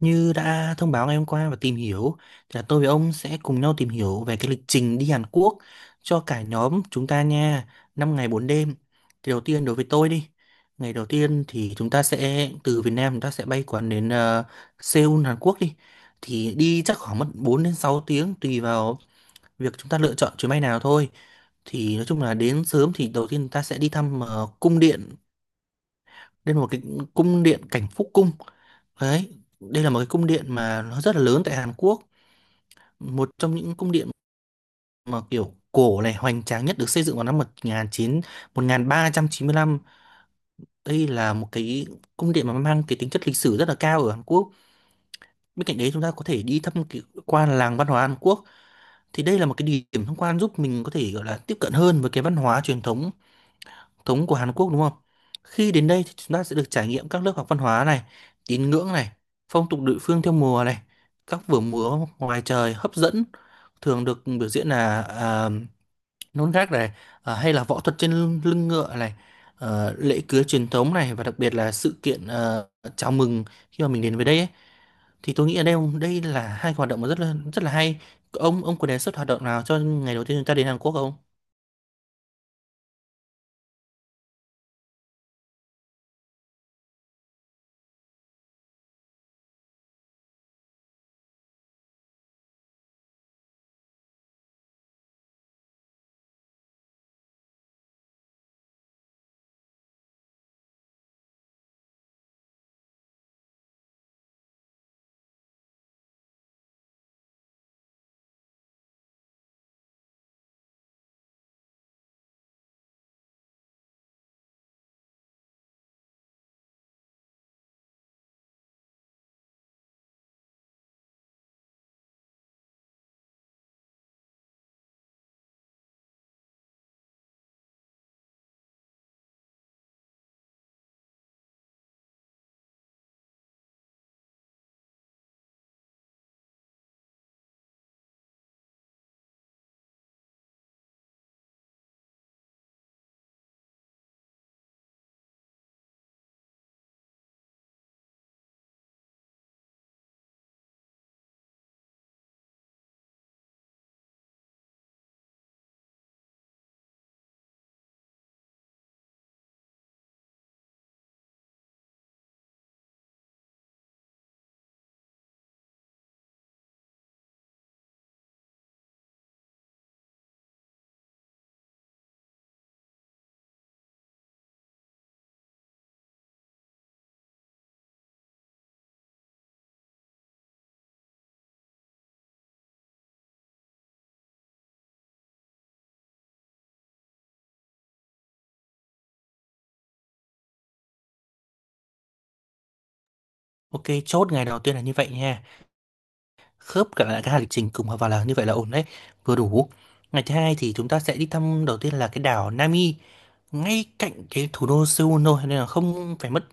Như đã thông báo ngày hôm qua và tìm hiểu thì là tôi với ông sẽ cùng nhau tìm hiểu về cái lịch trình đi Hàn Quốc cho cả nhóm chúng ta nha, 5 ngày 4 đêm. Thì đầu tiên đối với tôi đi, ngày đầu tiên thì chúng ta sẽ từ Việt Nam, chúng ta sẽ bay quán đến Seoul Hàn Quốc đi. Thì đi chắc khoảng mất 4 đến 6 tiếng tùy vào việc chúng ta lựa chọn chuyến bay nào thôi. Thì nói chung là đến sớm thì đầu tiên ta sẽ đi thăm cung điện, đây một cái cung điện cảnh phúc cung. Đấy, đây là một cái cung điện mà nó rất là lớn tại Hàn Quốc, một trong những cung điện mà kiểu cổ này hoành tráng nhất, được xây dựng vào năm một một nghìn nghìn chín chín ba trăm chín mươi lăm. Đây là một cái cung điện mà mang cái tính chất lịch sử rất là cao ở Hàn Quốc. Bên cạnh đấy chúng ta có thể đi thăm cái qua làng văn hóa Hàn Quốc. Thì đây là một cái địa điểm tham quan giúp mình có thể gọi là tiếp cận hơn với cái văn hóa truyền thống thống của Hàn Quốc đúng không? Khi đến đây thì chúng ta sẽ được trải nghiệm các lớp học văn hóa này, tín ngưỡng này, phong tục địa phương theo mùa này, các vở múa ngoài trời hấp dẫn thường được biểu diễn là nón gác này, hay là võ thuật trên lưng lưng ngựa này, lễ cưới truyền thống này và đặc biệt là sự kiện chào mừng khi mà mình đến với đây ấy. Thì tôi nghĩ ở đây đây là 2 hoạt động mà rất là hay. Ông có đề xuất hoạt động nào cho ngày đầu tiên chúng ta đến Hàn Quốc không? Ok, chốt ngày đầu tiên là như vậy nha. Khớp cả lại cái hành trình cùng vào là như vậy là ổn đấy, vừa đủ. Ngày thứ hai thì chúng ta sẽ đi thăm đầu tiên là cái đảo Nami, ngay cạnh cái thủ đô Seoul thôi, nên là không phải mất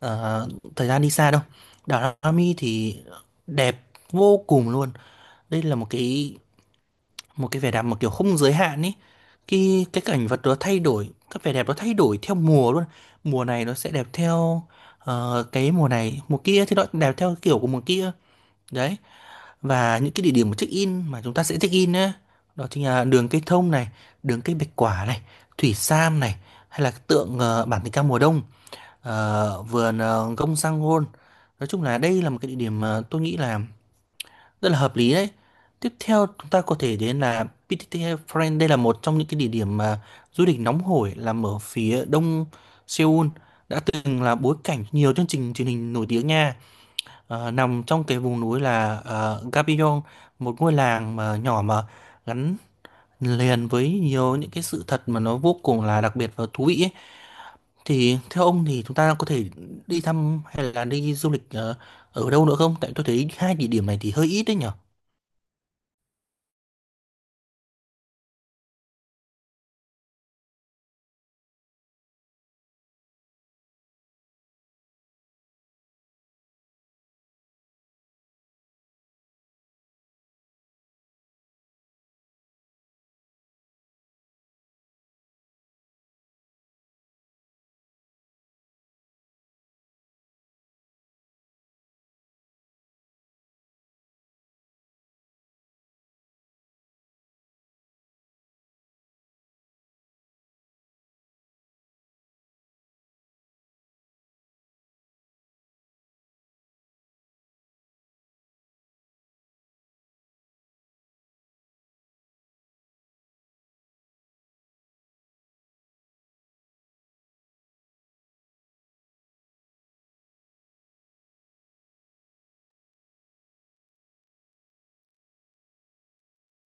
ờ, thời gian đi xa đâu. Đảo Nami thì đẹp vô cùng luôn. Đây là một cái vẻ đẹp một kiểu không giới hạn ấy. Cái Cảnh vật nó thay đổi, các vẻ đẹp nó thay đổi theo mùa luôn. Mùa này nó sẽ đẹp theo cái mùa này, mùa kia thì nó đẹp theo kiểu của mùa kia, đấy. Và những cái địa điểm check in mà chúng ta sẽ check in á, đó chính là đường cây thông này, đường cây bạch quả này, thủy sam này, hay là tượng bản tình ca mùa đông, vườn gông sang hôn. Nói chung là đây là một cái địa điểm mà tôi nghĩ là rất là hợp lý đấy. Tiếp theo chúng ta có thể đến là PTT Friend. Đây là một trong những cái địa điểm mà du lịch nóng hổi làm ở phía đông Seoul, đã từng là bối cảnh nhiều chương trình truyền hình nổi tiếng nha. Nằm trong cái vùng núi là Gabillon, một ngôi làng mà nhỏ mà gắn liền với nhiều những cái sự thật mà nó vô cùng là đặc biệt và thú vị ấy. Thì theo ông thì chúng ta có thể đi thăm hay là đi du lịch ở đâu nữa không? Tại tôi thấy hai địa điểm này thì hơi ít đấy nhở.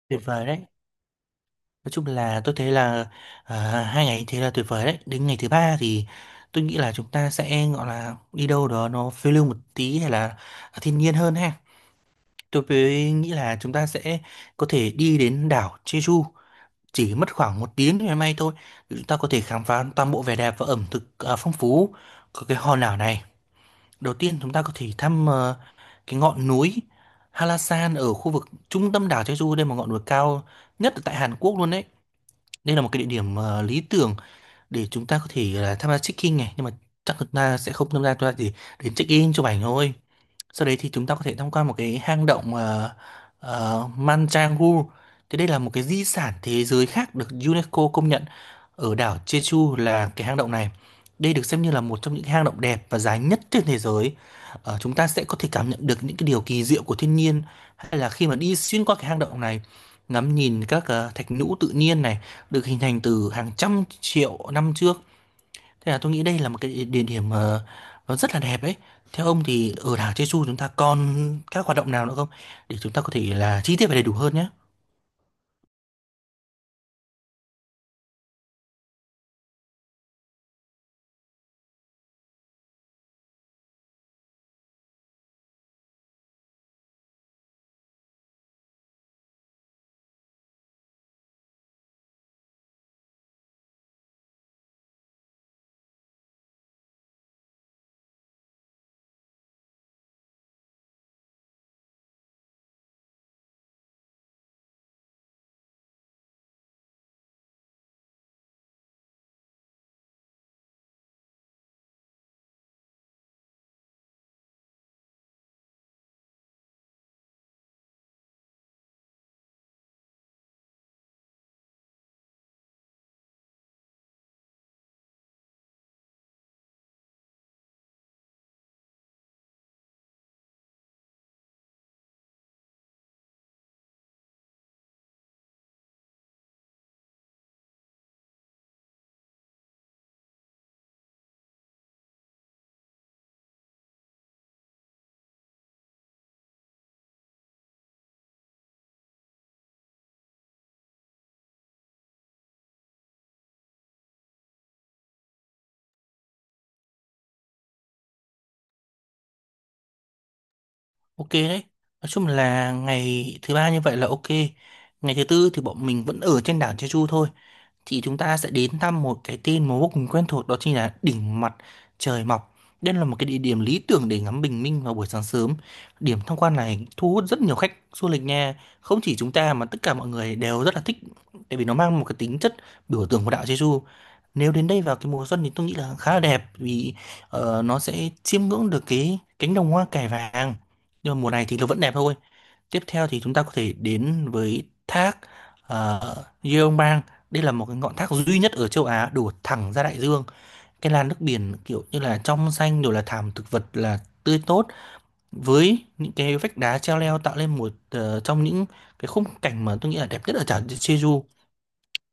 Tuyệt vời đấy. Nói chung là tôi thấy là hai ngày thế là tuyệt vời đấy. Đến ngày thứ ba thì tôi nghĩ là chúng ta sẽ gọi là đi đâu đó nó phiêu lưu một tí hay là thiên nhiên hơn ha. Tôi mới nghĩ là chúng ta sẽ có thể đi đến đảo Jeju, chỉ mất khoảng 1 tiếng ngày mai thôi. Chúng ta có thể khám phá toàn bộ vẻ đẹp và ẩm thực phong phú của cái hòn đảo này. Đầu tiên chúng ta có thể thăm cái ngọn núi Halasan ở khu vực trung tâm đảo Jeju. Đây là một ngọn núi cao nhất ở tại Hàn Quốc luôn đấy. Đây là một cái địa điểm lý tưởng để chúng ta có thể là tham gia check-in này, nhưng mà chắc chúng ta sẽ không tham gia, chúng ta chỉ đến check-in chụp ảnh thôi. Sau đấy thì chúng ta có thể tham quan một cái hang động Manjangu. Thì đây là một cái di sản thế giới khác được UNESCO công nhận ở đảo Jeju là cái hang động này. Đây được xem như là một trong những hang động đẹp và dài nhất trên thế giới. Chúng ta sẽ có thể cảm nhận được những cái điều kỳ diệu của thiên nhiên hay là khi mà đi xuyên qua cái hang động này, ngắm nhìn các thạch nhũ tự nhiên này được hình thành từ hàng trăm triệu năm trước. Thế là tôi nghĩ đây là một cái địa điểm mà nó rất là đẹp ấy. Theo ông thì ở đảo Jeju chúng ta còn các hoạt động nào nữa không? Để chúng ta có thể là chi tiết và đầy đủ hơn nhé. Ok đấy. Nói chung là ngày thứ ba như vậy là ok. Ngày thứ tư thì bọn mình vẫn ở trên đảo Jeju thôi. Thì chúng ta sẽ đến thăm một cái tên mà vô cùng quen thuộc, đó chính là đỉnh mặt trời mọc. Đây là một cái địa điểm lý tưởng để ngắm bình minh vào buổi sáng sớm. Điểm tham quan này thu hút rất nhiều khách du lịch nha. Không chỉ chúng ta mà tất cả mọi người đều rất là thích, tại vì nó mang một cái tính chất biểu tượng của đạo Jesu. Nếu đến đây vào cái mùa xuân thì tôi nghĩ là khá là đẹp, vì nó sẽ chiêm ngưỡng được cái cánh đồng hoa cải vàng. Nhưng mà mùa này thì nó vẫn đẹp thôi. Tiếp theo thì chúng ta có thể đến với thác ờ, Yeongbang. Đây là một cái ngọn thác duy nhất ở châu Á đổ thẳng ra đại dương. Cái làn nước biển kiểu như là trong xanh, rồi là thảm thực vật là tươi tốt với những cái vách đá treo leo, tạo lên một trong những cái khung cảnh mà tôi nghĩ là đẹp nhất ở đảo Jeju.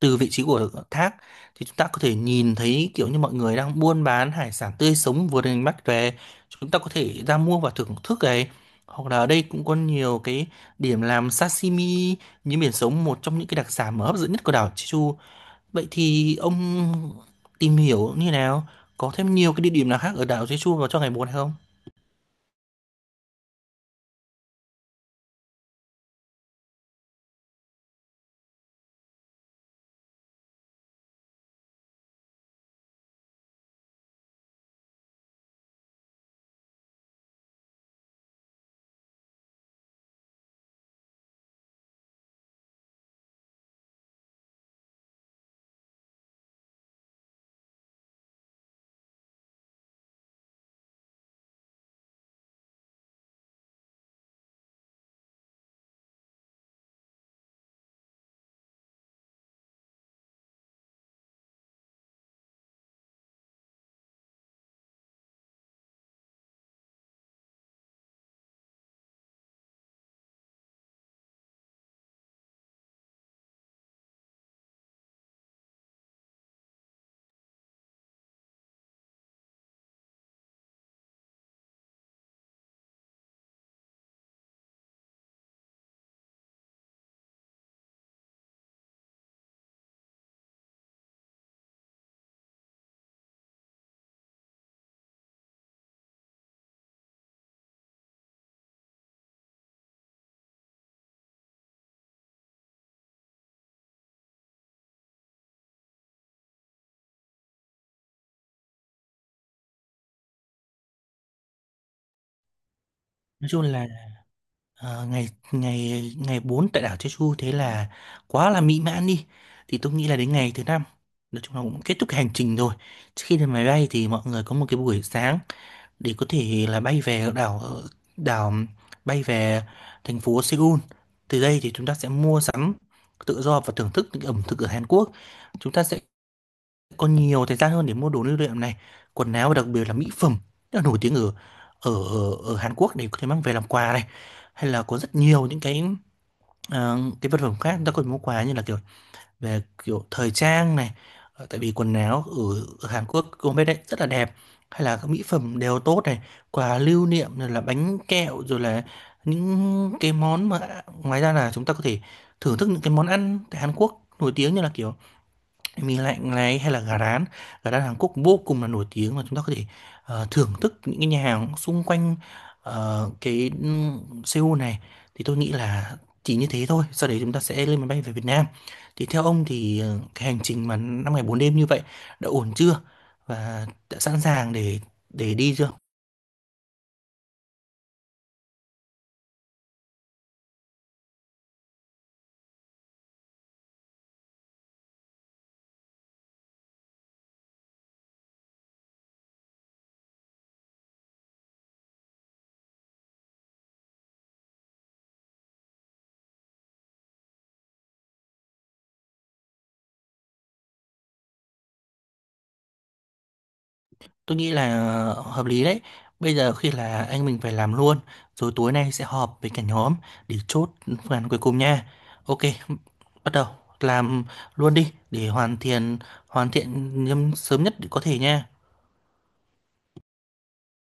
Từ vị trí của thác thì chúng ta có thể nhìn thấy kiểu như mọi người đang buôn bán hải sản tươi sống vừa được đánh bắt về, chúng ta có thể ra mua và thưởng thức này. Hoặc là ở đây cũng có nhiều cái điểm làm sashimi, như biển sống, một trong những cái đặc sản mà hấp dẫn nhất của đảo Jeju. Vậy thì ông tìm hiểu như nào, có thêm nhiều cái địa điểm nào khác ở đảo Jeju vào cho ngày 4 hay không? Nói chung là ngày ngày ngày 4 tại đảo Jeju thế là quá là mỹ mãn đi. Thì tôi nghĩ là đến ngày thứ năm, nói chung là cũng kết thúc cái hành trình rồi. Trước khi lên máy bay thì mọi người có một cái buổi sáng để có thể là bay về đảo đảo bay về thành phố Seoul. Từ đây thì chúng ta sẽ mua sắm tự do và thưởng thức những ẩm thực ở Hàn Quốc. Chúng ta sẽ có nhiều thời gian hơn để mua đồ lưu niệm này, quần áo, và đặc biệt là mỹ phẩm rất là nổi tiếng ở ở ở ở Hàn Quốc để có thể mang về làm quà này, hay là có rất nhiều những cái cái vật phẩm khác chúng ta có thể mua quà như là kiểu về kiểu thời trang này. Ờ, tại vì quần áo ở Hàn Quốc Gourmet đấy rất là đẹp, hay là các mỹ phẩm đều tốt này, quà lưu niệm rồi là bánh kẹo rồi là những cái món mà ngoài ra là chúng ta có thể thưởng thức những cái món ăn tại Hàn Quốc nổi tiếng như là kiểu mì lạnh này hay là gà rán. Gà rán Hàn Quốc vô cùng là nổi tiếng và chúng ta có thể thưởng thức những cái nhà hàng xung quanh cái Seoul này. Thì tôi nghĩ là chỉ như thế thôi, sau đấy chúng ta sẽ lên máy bay về Việt Nam. Thì theo ông thì cái hành trình mà 5 ngày 4 đêm như vậy đã ổn chưa, và đã sẵn sàng để đi chưa? Tôi nghĩ là hợp lý đấy. Bây giờ khi là anh mình phải làm luôn, rồi tối nay sẽ họp với cả nhóm để chốt phương án cuối cùng nha. Ok, bắt đầu làm luôn đi để hoàn thiện sớm nhất có thể nha.